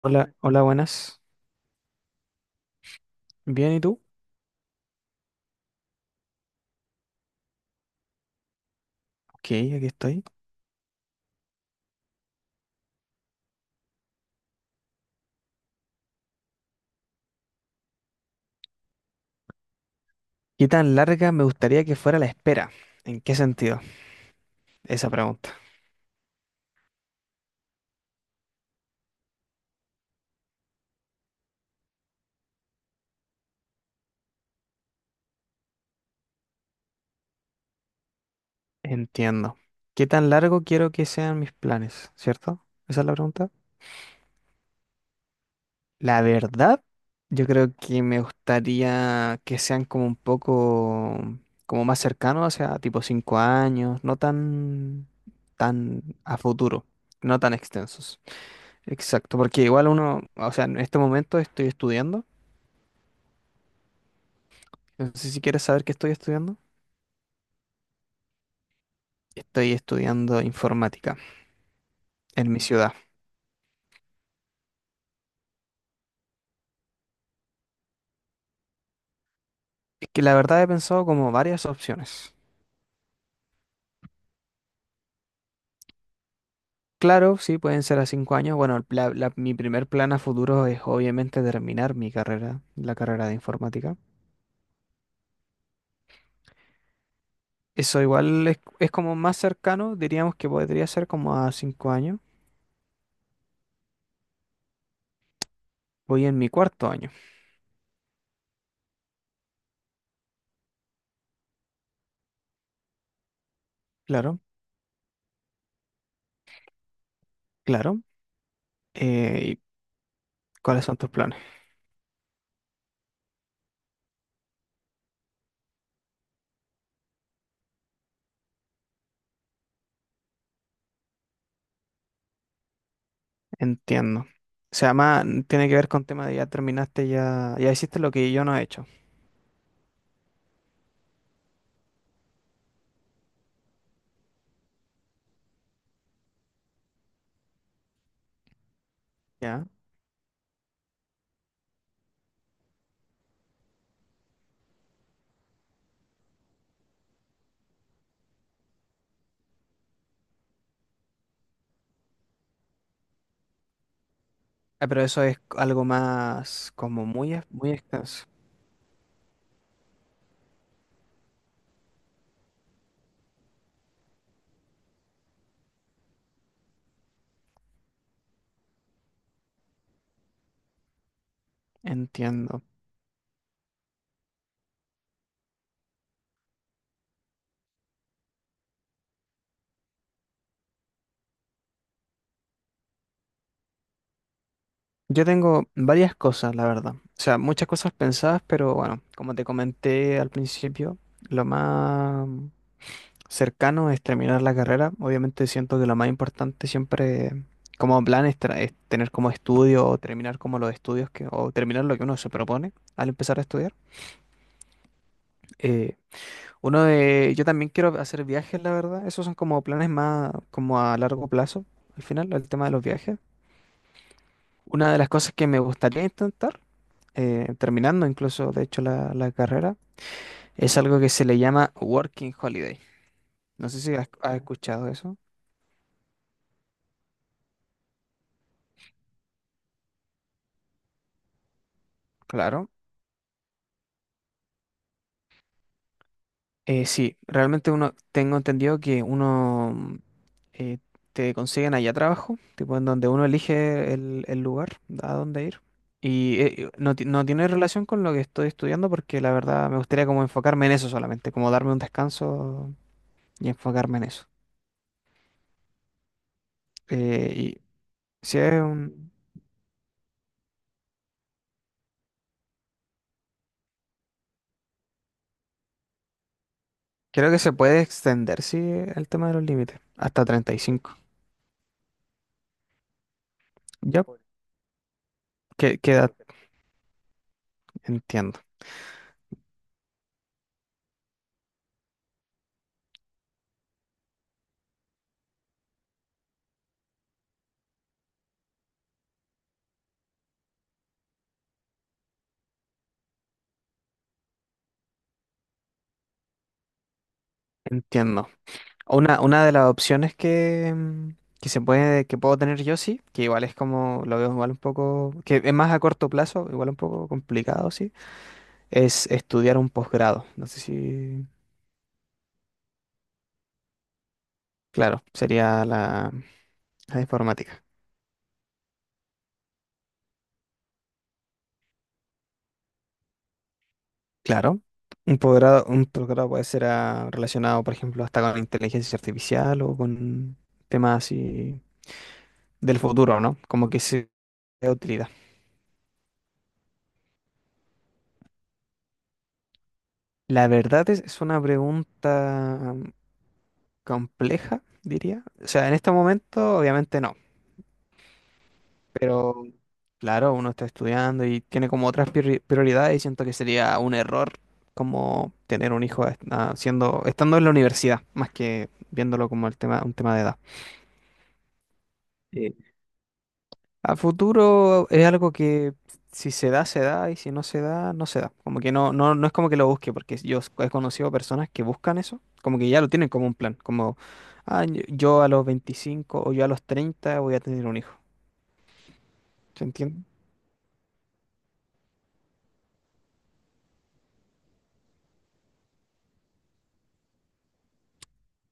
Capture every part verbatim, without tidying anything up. Hola, hola, buenas. Bien, ¿y tú? Ok, aquí estoy. ¿Qué tan larga me gustaría que fuera la espera? ¿En qué sentido? Esa pregunta. Entiendo. ¿Qué tan largo quiero que sean mis planes? ¿Cierto? Esa es la pregunta. La verdad, yo creo que me gustaría que sean como un poco, como más cercanos, o sea, tipo cinco años, no tan, tan a futuro, no tan extensos. Exacto, porque igual uno, o sea, en este momento estoy estudiando. No sé si quieres saber qué estoy estudiando. Estoy estudiando informática en mi ciudad. Es que la verdad he pensado como varias opciones. Claro, sí, pueden ser a cinco años. Bueno, el pla- la- mi primer plan a futuro es obviamente terminar mi carrera, la carrera de informática. Eso igual es, es como más cercano, diríamos que podría ser como a cinco años. Voy en mi cuarto año. Claro, claro. Eh, ¿y ¿cuáles son tus planes? Entiendo. O sea, más tiene que ver con tema de ya terminaste, ya, ya hiciste lo que yo no he hecho. ¿Ya? Ah, pero eso es algo más como muy, ex- muy extenso. Entiendo. Yo tengo varias cosas, la verdad. O sea, muchas cosas pensadas, pero bueno, como te comenté al principio, lo más cercano es terminar la carrera. Obviamente siento que lo más importante siempre como plan es, tra- es tener como estudio o terminar como los estudios que, o terminar lo que uno se propone al empezar a estudiar. Eh, Uno de, yo también quiero hacer viajes, la verdad. Esos son como planes más como a largo plazo, al final, el tema de los viajes. Una de las cosas que me gustaría intentar, eh, terminando incluso, de hecho, la, la carrera, es algo que se le llama Working Holiday. No sé si has, has escuchado eso. Claro. Eh, sí, realmente uno, tengo entendido que uno mm, eh, te consiguen allá trabajo, tipo en donde uno elige el, el lugar a dónde ir. Y eh, no, ti- no tiene relación con lo que estoy estudiando porque la verdad me gustaría como enfocarme en eso solamente, como darme un descanso y enfocarme en eso. Eh, y si es un- creo que se puede extender, sí, el tema de los límites, hasta treinta y cinco. Ya, que queda, entiendo, entiendo. Una, una de las opciones que, mm, que se puede, que puedo tener yo sí, que igual es como, lo veo igual un poco, que es más a corto plazo, igual un poco complicado, sí, es estudiar un posgrado. No sé si, claro, sería la, la informática. Claro. Un posgrado, un posgrado puede ser ah, relacionado, por ejemplo, hasta con inteligencia artificial o con temas así del futuro, ¿no? Como que sea de utilidad. La verdad es, es una pregunta compleja, diría. O sea, en este momento, obviamente no, pero claro, uno está estudiando y tiene como otras priori- prioridades y siento que sería un error como tener un hijo est- ah, siendo, estando en la universidad, más que viéndolo como el tema, un tema de edad. Sí. A futuro es algo que si se da, se da, y si no se da, no se da. Como que no, no, no es como que lo busque, porque yo he conocido personas que buscan eso, como que ya lo tienen como un plan, como ah, yo yo a los veinticinco o yo a los treinta voy a tener un hijo. ¿Se entiende?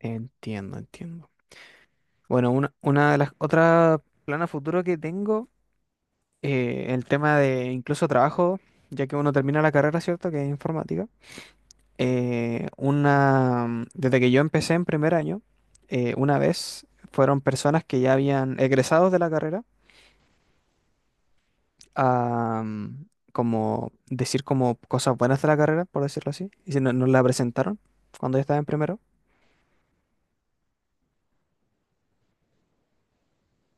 Entiendo, entiendo. Bueno, una, una de las otras planes futuro que tengo, eh, el tema de incluso trabajo, ya que uno termina la carrera, ¿cierto? Que es informática. eh, una, mm, desde que yo empecé en primer año, eh, una vez fueron personas que ya habían egresados de la carrera a mm, como decir como cosas buenas de la carrera, por decirlo así, y si no, nos la presentaron cuando yo estaba en primero.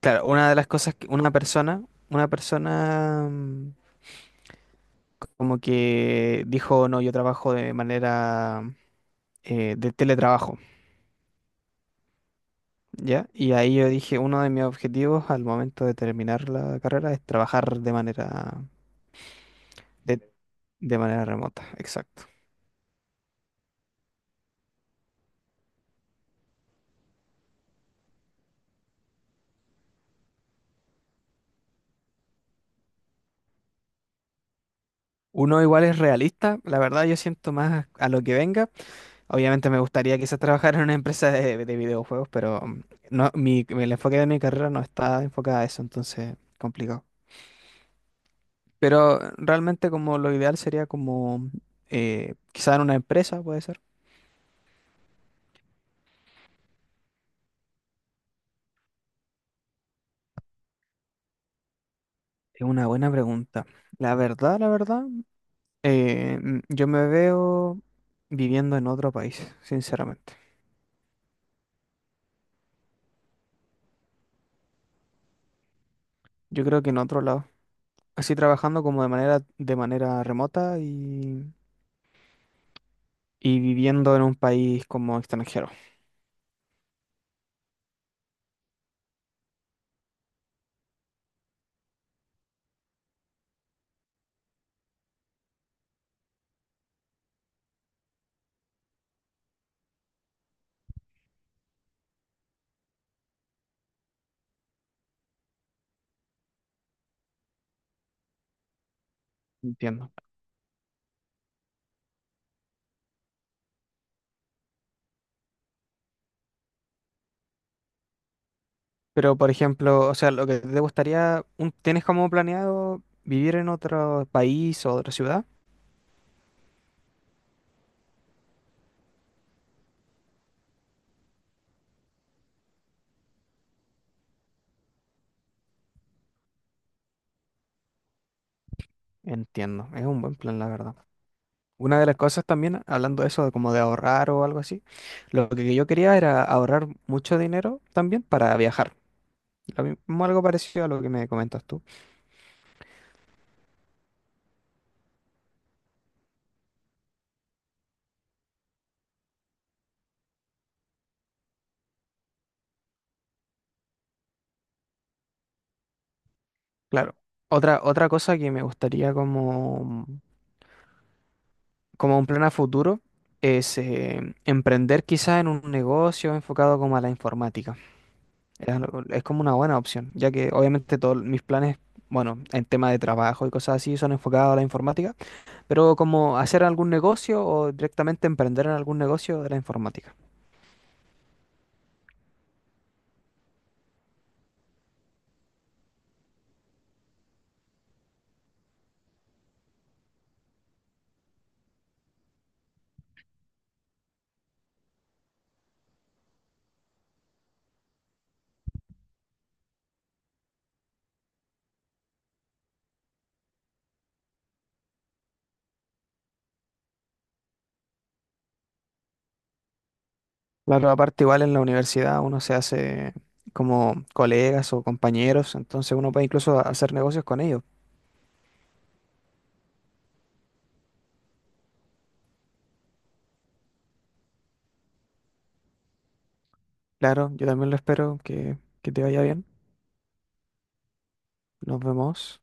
Claro, una de las cosas que una persona, una persona mm, como que dijo, no, yo trabajo de manera eh, de teletrabajo, ¿ya? Y ahí yo dije, uno de mis objetivos al momento de terminar la carrera es trabajar de manera, de, de manera remota, exacto. Uno igual es realista, la verdad yo siento más a lo que venga. Obviamente me gustaría quizás trabajar en una empresa de, de videojuegos, pero mm, no, mi, el enfoque de mi carrera no está enfocado a eso, entonces complicado. Pero realmente como lo ideal sería como eh, quizá en una empresa, puede ser. Es una buena pregunta. La verdad, la verdad, eh, mm, yo me veo viviendo en otro país, sinceramente. Yo creo que en otro lado. Así trabajando como de manera, de manera remota y, y viviendo en un país como extranjero. Entiendo. Pero, por ejemplo, o sea, lo que te gustaría, un- ¿tienes como planeado vivir en otro país o otra ciudad? Entiendo, es un buen plan, la verdad. Una de las cosas también, hablando de eso, de como de ahorrar o algo así, lo que yo quería era ahorrar mucho dinero también para viajar. Lo mismo, algo parecido a lo que me comentas tú. Claro. Otra, otra cosa que me gustaría como, como un plan a futuro es eh, emprender quizás en un negocio enfocado como a la informática. Era lo- Es, como una buena opción, ya que obviamente todos mis planes, bueno, en tema de trabajo y cosas así son enfocados a la informática. Pero como hacer algún negocio o directamente emprender en algún negocio de la informática. Claro, aparte igual en la universidad uno se hace como colegas o compañeros, entonces uno puede incluso hacer negocios con ellos. Claro, yo también lo espero que, que, te vaya bien. Nos vemos.